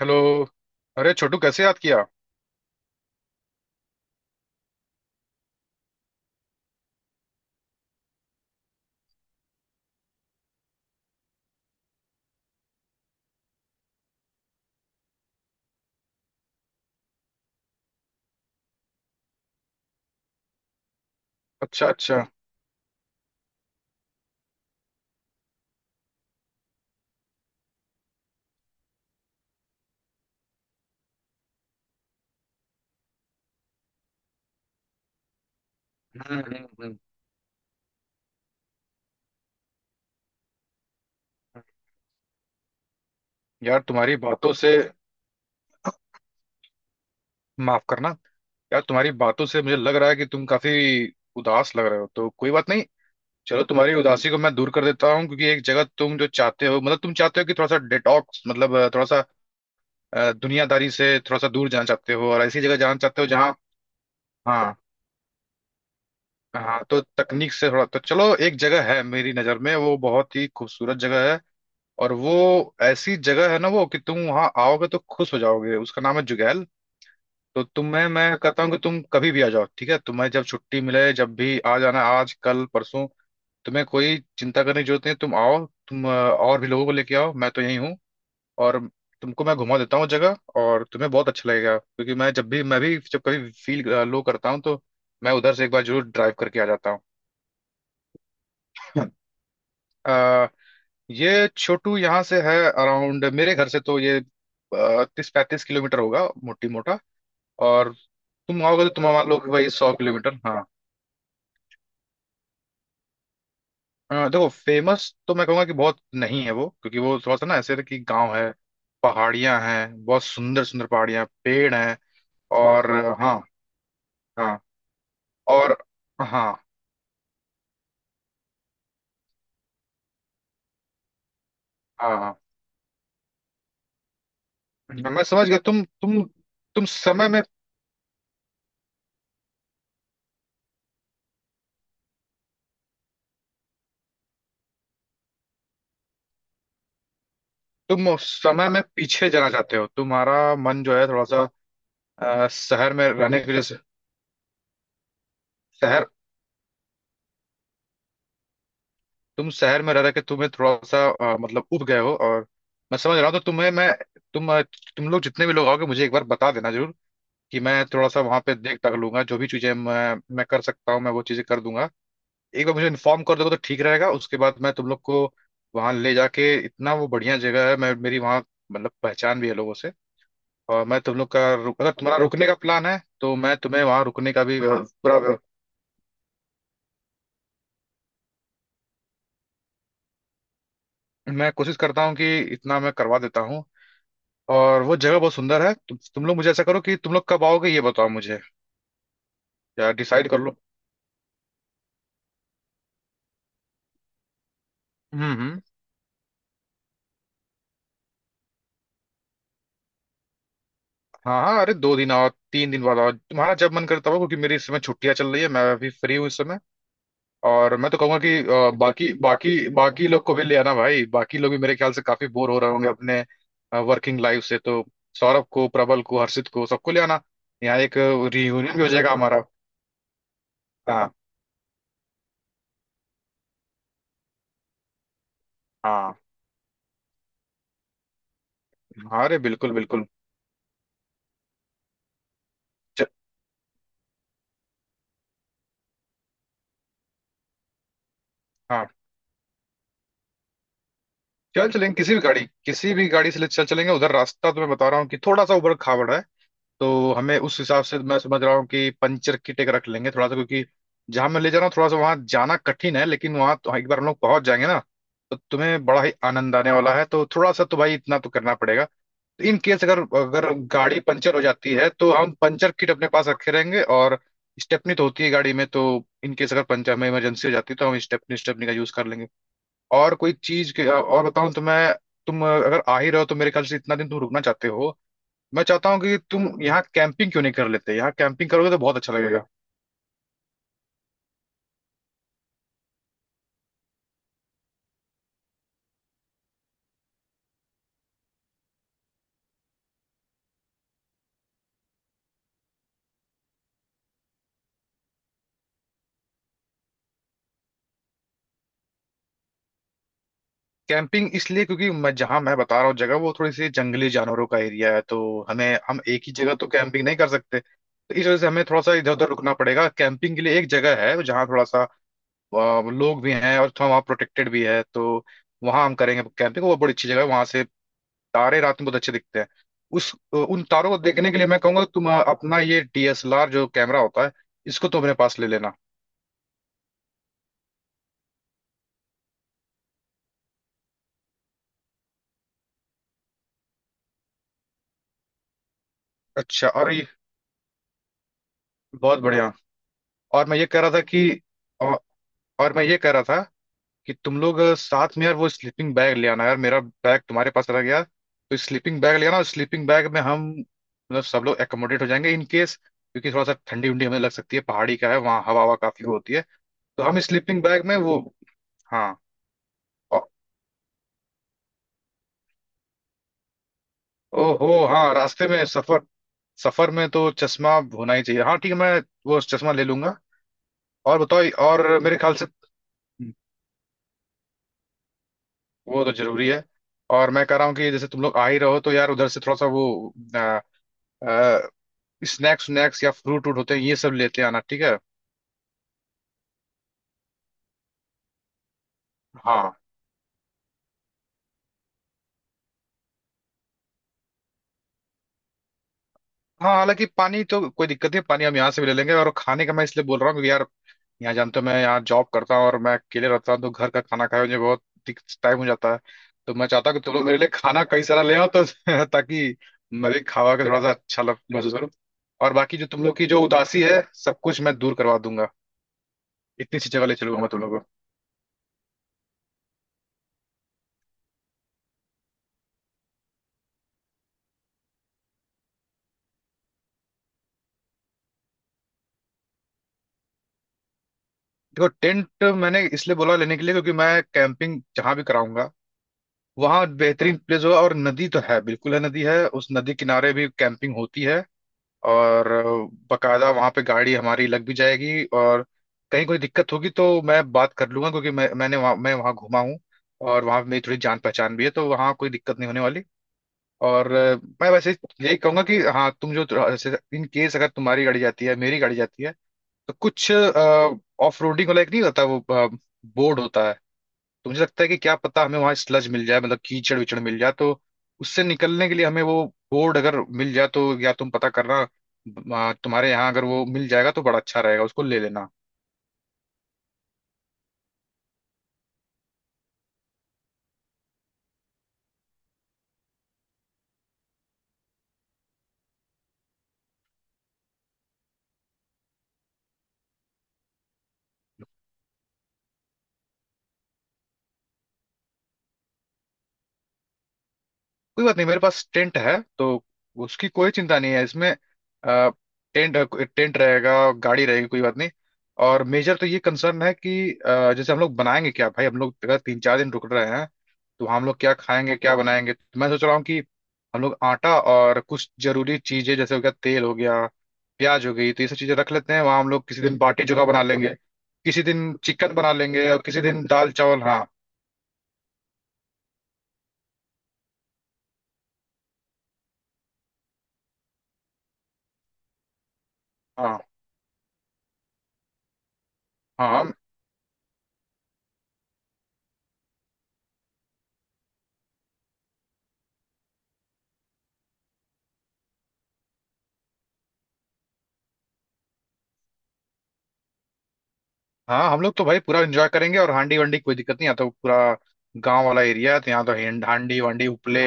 Hello. अरे छोटू, कैसे याद किया? अच्छा, अच्छा। हम्म। यार, तुम्हारी बातों से माफ करना, यार तुम्हारी बातों से मुझे लग रहा है कि तुम काफी उदास लग रहे हो, तो कोई बात नहीं। चलो, तुम्हारी उदासी को मैं दूर कर देता हूँ, क्योंकि एक जगह, तुम जो चाहते हो, मतलब तुम चाहते हो कि थोड़ा सा डिटॉक्स, मतलब थोड़ा सा दुनियादारी से थोड़ा सा दूर जाना चाहते हो और ऐसी जगह जाना चाहते हो जहाँ, हाँ हाँ, तो तकनीक से थोड़ा, तो चलो, एक जगह है मेरी नज़र में, वो बहुत ही खूबसूरत जगह है, और वो ऐसी जगह है ना वो, कि तुम वहां आओगे तो खुश हो जाओगे। उसका नाम है जुगैल। तो तुम्हें मैं कहता हूँ कि तुम कभी भी आ जाओ, ठीक है? तुम्हें जब छुट्टी मिले, जब भी आ जाना, आज कल परसों। तुम्हें कोई चिंता करने की जरूरत नहीं है। तुम आओ, तुम और भी लोगों को लेके आओ। मैं तो यही हूँ, और तुमको मैं घुमा देता हूँ जगह, और तुम्हें बहुत अच्छा लगेगा, क्योंकि मैं जब भी, मैं भी जब कभी फील लो करता हूँ तो मैं उधर से एक बार जरूर ड्राइव करके आ जाता हूँ। ये छोटू, यहाँ से है अराउंड, मेरे घर से तो ये 30-35 किलोमीटर होगा, मोटी मोटा। और तुम आओगे तो तुम मान लो कि भाई 100 किलोमीटर। हाँ, देखो, फेमस तो मैं कहूँगा कि बहुत नहीं है वो, क्योंकि वो थोड़ा सा ना ऐसे है कि गांव है, पहाड़ियाँ हैं, बहुत सुंदर सुंदर पहाड़ियाँ, पेड़ हैं। और हाँ, हाँ, और हाँ, हाँ, हाँ। मैं समझ गया। तुम तुम समय में, तुम समय में पीछे जाना चाहते हो, तुम्हारा मन जो है थोड़ा सा शहर में रहने की वजह से। शहर, तुम शहर में रह रह के तुम्हें थोड़ा सा मतलब उब गए हो, और मैं समझ रहा हूँ। तो तुम्हें मैं, तुम तुम लोग जितने भी लोग आओगे, मुझे एक बार बता देना जरूर, कि मैं थोड़ा सा वहां पे देख टक लूंगा। जो भी चीजें मैं कर सकता हूँ, मैं वो चीजें कर दूंगा। एक बार मुझे इन्फॉर्म कर दोगे तो ठीक रहेगा। उसके बाद मैं तुम लोग को वहां ले जाके, इतना वो बढ़िया जगह है, मैं, मेरी वहाँ मतलब पहचान भी है लोगों से। और मैं तुम लोग का रुक, अगर तुम्हारा रुकने का प्लान है तो मैं तुम्हें वहां रुकने का भी पूरा मैं कोशिश करता हूँ कि इतना मैं करवा देता हूँ। और वो जगह बहुत सुंदर है। तुम लोग, मुझे ऐसा करो कि तुम लोग कब आओगे ये बताओ मुझे, या डिसाइड कर लो। हम्म हम्म हाँ हाँ, अरे 2 दिन आओ, 3 दिन बाद आओ, तुम्हारा जब मन करे तब आओ, क्योंकि मेरी इस समय छुट्टियां चल रही है, मैं अभी फ्री हूँ इस समय। और मैं तो कहूंगा कि बाकी बाकी बाकी लोग को भी ले आना भाई। बाकी लोग भी मेरे ख्याल से काफी बोर हो रहे होंगे अपने वर्किंग लाइफ से। तो सौरभ को, प्रबल को, हर्षित को, सबको ले आना। यहाँ एक रियूनियन भी हो जाएगा हमारा। हाँ, हाँ, हाँ। अरे बिल्कुल, बिल्कुल। च- हाँ, चल चलेंगे किसी भी गाड़ी, किसी भी गाड़ी से चल चलेंगे उधर। रास्ता तो मैं बता रहा हूँ कि थोड़ा सा उबड़ खाबड़ है, तो हमें उस हिसाब से, मैं समझ रहा हूँ कि पंचर किट एक रख लेंगे थोड़ा सा, क्योंकि जहां मैं ले जा रहा हूँ थोड़ा सा, वहां जाना कठिन है। लेकिन वहां तो एक बार हम लोग पहुंच जाएंगे ना, तो तुम्हें बड़ा ही आनंद आने वाला है। तो थोड़ा सा तो भाई इतना तो करना पड़ेगा। तो इन केस अगर, गाड़ी पंचर हो जाती है, तो हम पंचर किट अपने पास रखे रहेंगे। और स्टेपनी तो होती है गाड़ी में, तो इन केस अगर पंचर में इमरजेंसी हो जाती है, तो हम स्टेपनी स्टेपनी का यूज कर लेंगे। और कोई चीज के और बताऊं तो मैं, तुम अगर आ ही रहो तो मेरे ख्याल से इतना दिन तुम रुकना चाहते हो, मैं चाहता हूँ कि तुम यहाँ कैंपिंग क्यों नहीं कर लेते। यहाँ कैंपिंग करोगे तो बहुत अच्छा लगेगा। कैंपिंग इसलिए, क्योंकि मैं जहां मैं बता रहा हूँ जगह, वो थोड़ी सी जंगली जानवरों का एरिया है। तो हमें, हम एक ही जगह तो कैंपिंग नहीं कर सकते, तो इस वजह से हमें थोड़ा सा इधर उधर रुकना पड़ेगा। कैंपिंग के लिए एक जगह है जहाँ थोड़ा सा लोग भी हैं और थोड़ा वहाँ प्रोटेक्टेड भी है। तो वहाँ हम करेंगे कैंपिंग। वो बड़ी अच्छी जगह है। वहां से तारे रात में बहुत अच्छे दिखते हैं। उस उन तारों को देखने के लिए मैं कहूंगा, तुम अपना ये डीएसएलआर जो कैमरा होता है इसको तुम अपने पास ले लेना। अच्छा, और ये बहुत बढ़िया। और मैं ये कह रहा था कि, औ- और मैं ये कह रहा था कि तुम लोग साथ में यार वो स्लीपिंग बैग ले आना यार, मेरा बैग तुम्हारे पास रह गया, तो स्लीपिंग बैग ले आना। और स्लीपिंग बैग में हम मतलब सब लोग एकोमोडेट हो जाएंगे इन केस, क्योंकि थोड़ा सा ठंडी उंडी हमें लग सकती है, पहाड़ी का है वहाँ, हवा हवा काफी होती है। तो हम स्लीपिंग बैग में वो, हाँ। ओ- ओहो, हाँ, रास्ते में सफर, सफर में तो चश्मा होना ही चाहिए। हाँ ठीक है, मैं वो चश्मा ले लूंगा। और बताओ, और मेरे ख्याल से वो तो जरूरी है। और मैं कह रहा हूँ कि जैसे तुम लोग आ ही रहो तो यार उधर से थोड़ा सा वो स्नैक्स स्नैक्स या फ्रूट व्रूट होते हैं, ये सब लेते आना, ठीक है। हाँ हाँ, हालांकि पानी तो कोई दिक्कत नहीं, पानी हम यहाँ से भी ले लेंगे। और खाने का मैं इसलिए बोल रहा हूँ क्योंकि यार, यहाँ जानते हो मैं यहाँ जॉब करता हूँ, और मैं अकेले रहता हूँ, तो घर का खाना खाए मुझे बहुत टाइम हो जाता है। तो मैं चाहता हूँ कि तुम लोग मेरे लिए खाना कई सारा ले आओ तो ताकि मैं भी खावा के थोड़ा सा अच्छा लग महसूस करूँ। और बाकी जो तुम लोग की जो उदासी है सब कुछ मैं दूर करवा दूंगा। इतनी सी जगह ले चलूंगा मैं तुम लोगों को। देखो, टेंट मैंने इसलिए बोला लेने के लिए क्योंकि मैं कैंपिंग जहाँ भी कराऊंगा वहाँ बेहतरीन प्लेस होगा। और नदी तो है, बिल्कुल है, नदी है, उस नदी किनारे भी कैंपिंग होती है। और बकायदा वहां पे गाड़ी हमारी लग भी जाएगी, और कहीं कोई दिक्कत होगी तो मैं बात कर लूंगा, क्योंकि मैंने वहाँ, मैं वहाँ घूमा हूँ, और वहाँ मेरी थोड़ी जान पहचान भी है, तो वहाँ कोई दिक्कत नहीं होने वाली। और मैं वैसे यही कहूंगा कि, हाँ, तुम जो, इन केस अगर तुम्हारी गाड़ी जाती है, मेरी गाड़ी जाती है, तो कुछ ऑफ रोडिंग वाला एक नहीं होता वो, बोर्ड होता है। तो मुझे लगता है कि क्या पता हमें वहां स्लज मिल जाए, मतलब कीचड़ विचड़ मिल जाए, तो उससे निकलने के लिए हमें वो बोर्ड अगर मिल जाए, तो, या तुम पता करना। तुम्हारे यहाँ अगर वो मिल जाएगा तो बड़ा अच्छा रहेगा, उसको ले लेना। कोई बात नहीं, मेरे पास टेंट है तो उसकी कोई चिंता नहीं है। इसमें टेंट टेंट रहेगा, गाड़ी रहेगी, कोई बात नहीं। और मेजर तो ये कंसर्न है कि जैसे हम लोग बनाएंगे क्या भाई, हम लोग अगर 3-4 दिन रुक रहे हैं तो हम लोग क्या खाएंगे, क्या बनाएंगे। तो मैं सोच रहा हूँ कि हम लोग आटा और कुछ जरूरी चीजें, जैसे हो गया तेल, हो गया प्याज, हो गई, तो ये सब चीजें रख लेते हैं वहां। हम लोग किसी दिन बाटी चोखा बना लेंगे, किसी दिन चिकन बना लेंगे, और किसी दिन दाल चावल। हाँ, हाँ, हाँ, हाँ। हम लोग तो भाई पूरा एंजॉय करेंगे, और हांडी वंडी की कोई दिक्कत नहीं आता, तो पूरा गांव वाला एरिया है, तो यहाँ तो हांडी वांडी, उपले,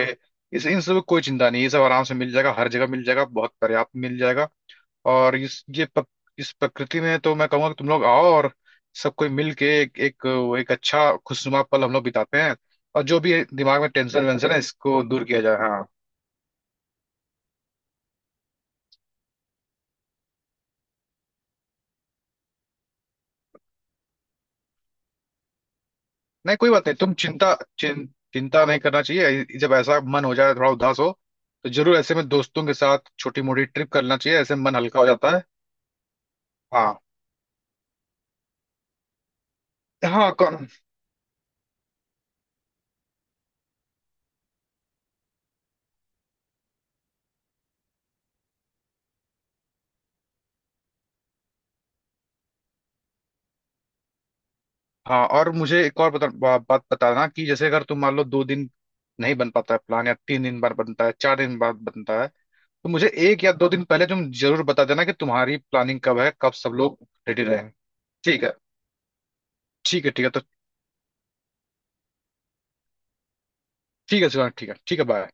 इस इन सब की कोई चिंता नहीं, ये सब आराम से मिल जाएगा, हर जगह मिल जाएगा, बहुत पर्याप्त मिल जाएगा। और इस प्रकृति में तो मैं कहूँगा कि तुम लोग आओ और सब कोई मिल के एक एक, एक अच्छा खुशनुमा पल हम लोग बिताते हैं, और जो भी दिमाग में टेंशन वेंशन है इसको दूर किया जाए। हाँ। नहीं कोई बात नहीं, तुम चिंता, चिं, चिंता नहीं करना चाहिए। जब ऐसा मन हो जाए, थोड़ा उदास हो, तो जरूर ऐसे में दोस्तों के साथ छोटी मोटी ट्रिप करना चाहिए, ऐसे मन हल्का हो जाता है। हाँ हाँ, कौन, हाँ। और मुझे एक और बात बताना, कि जैसे अगर तुम मान लो 2 दिन नहीं बन पाता है प्लान, या 3 दिन बाद बनता है, 4 दिन बाद बनता है, तो मुझे 1 या 2 दिन पहले तुम जरूर बता देना कि तुम्हारी प्लानिंग कब है, कब सब लोग रेडी रहे, ठीक है? ठीक है, ठीक है तो, ठीक है शिवांग, ठीक है ठीक है, बाय।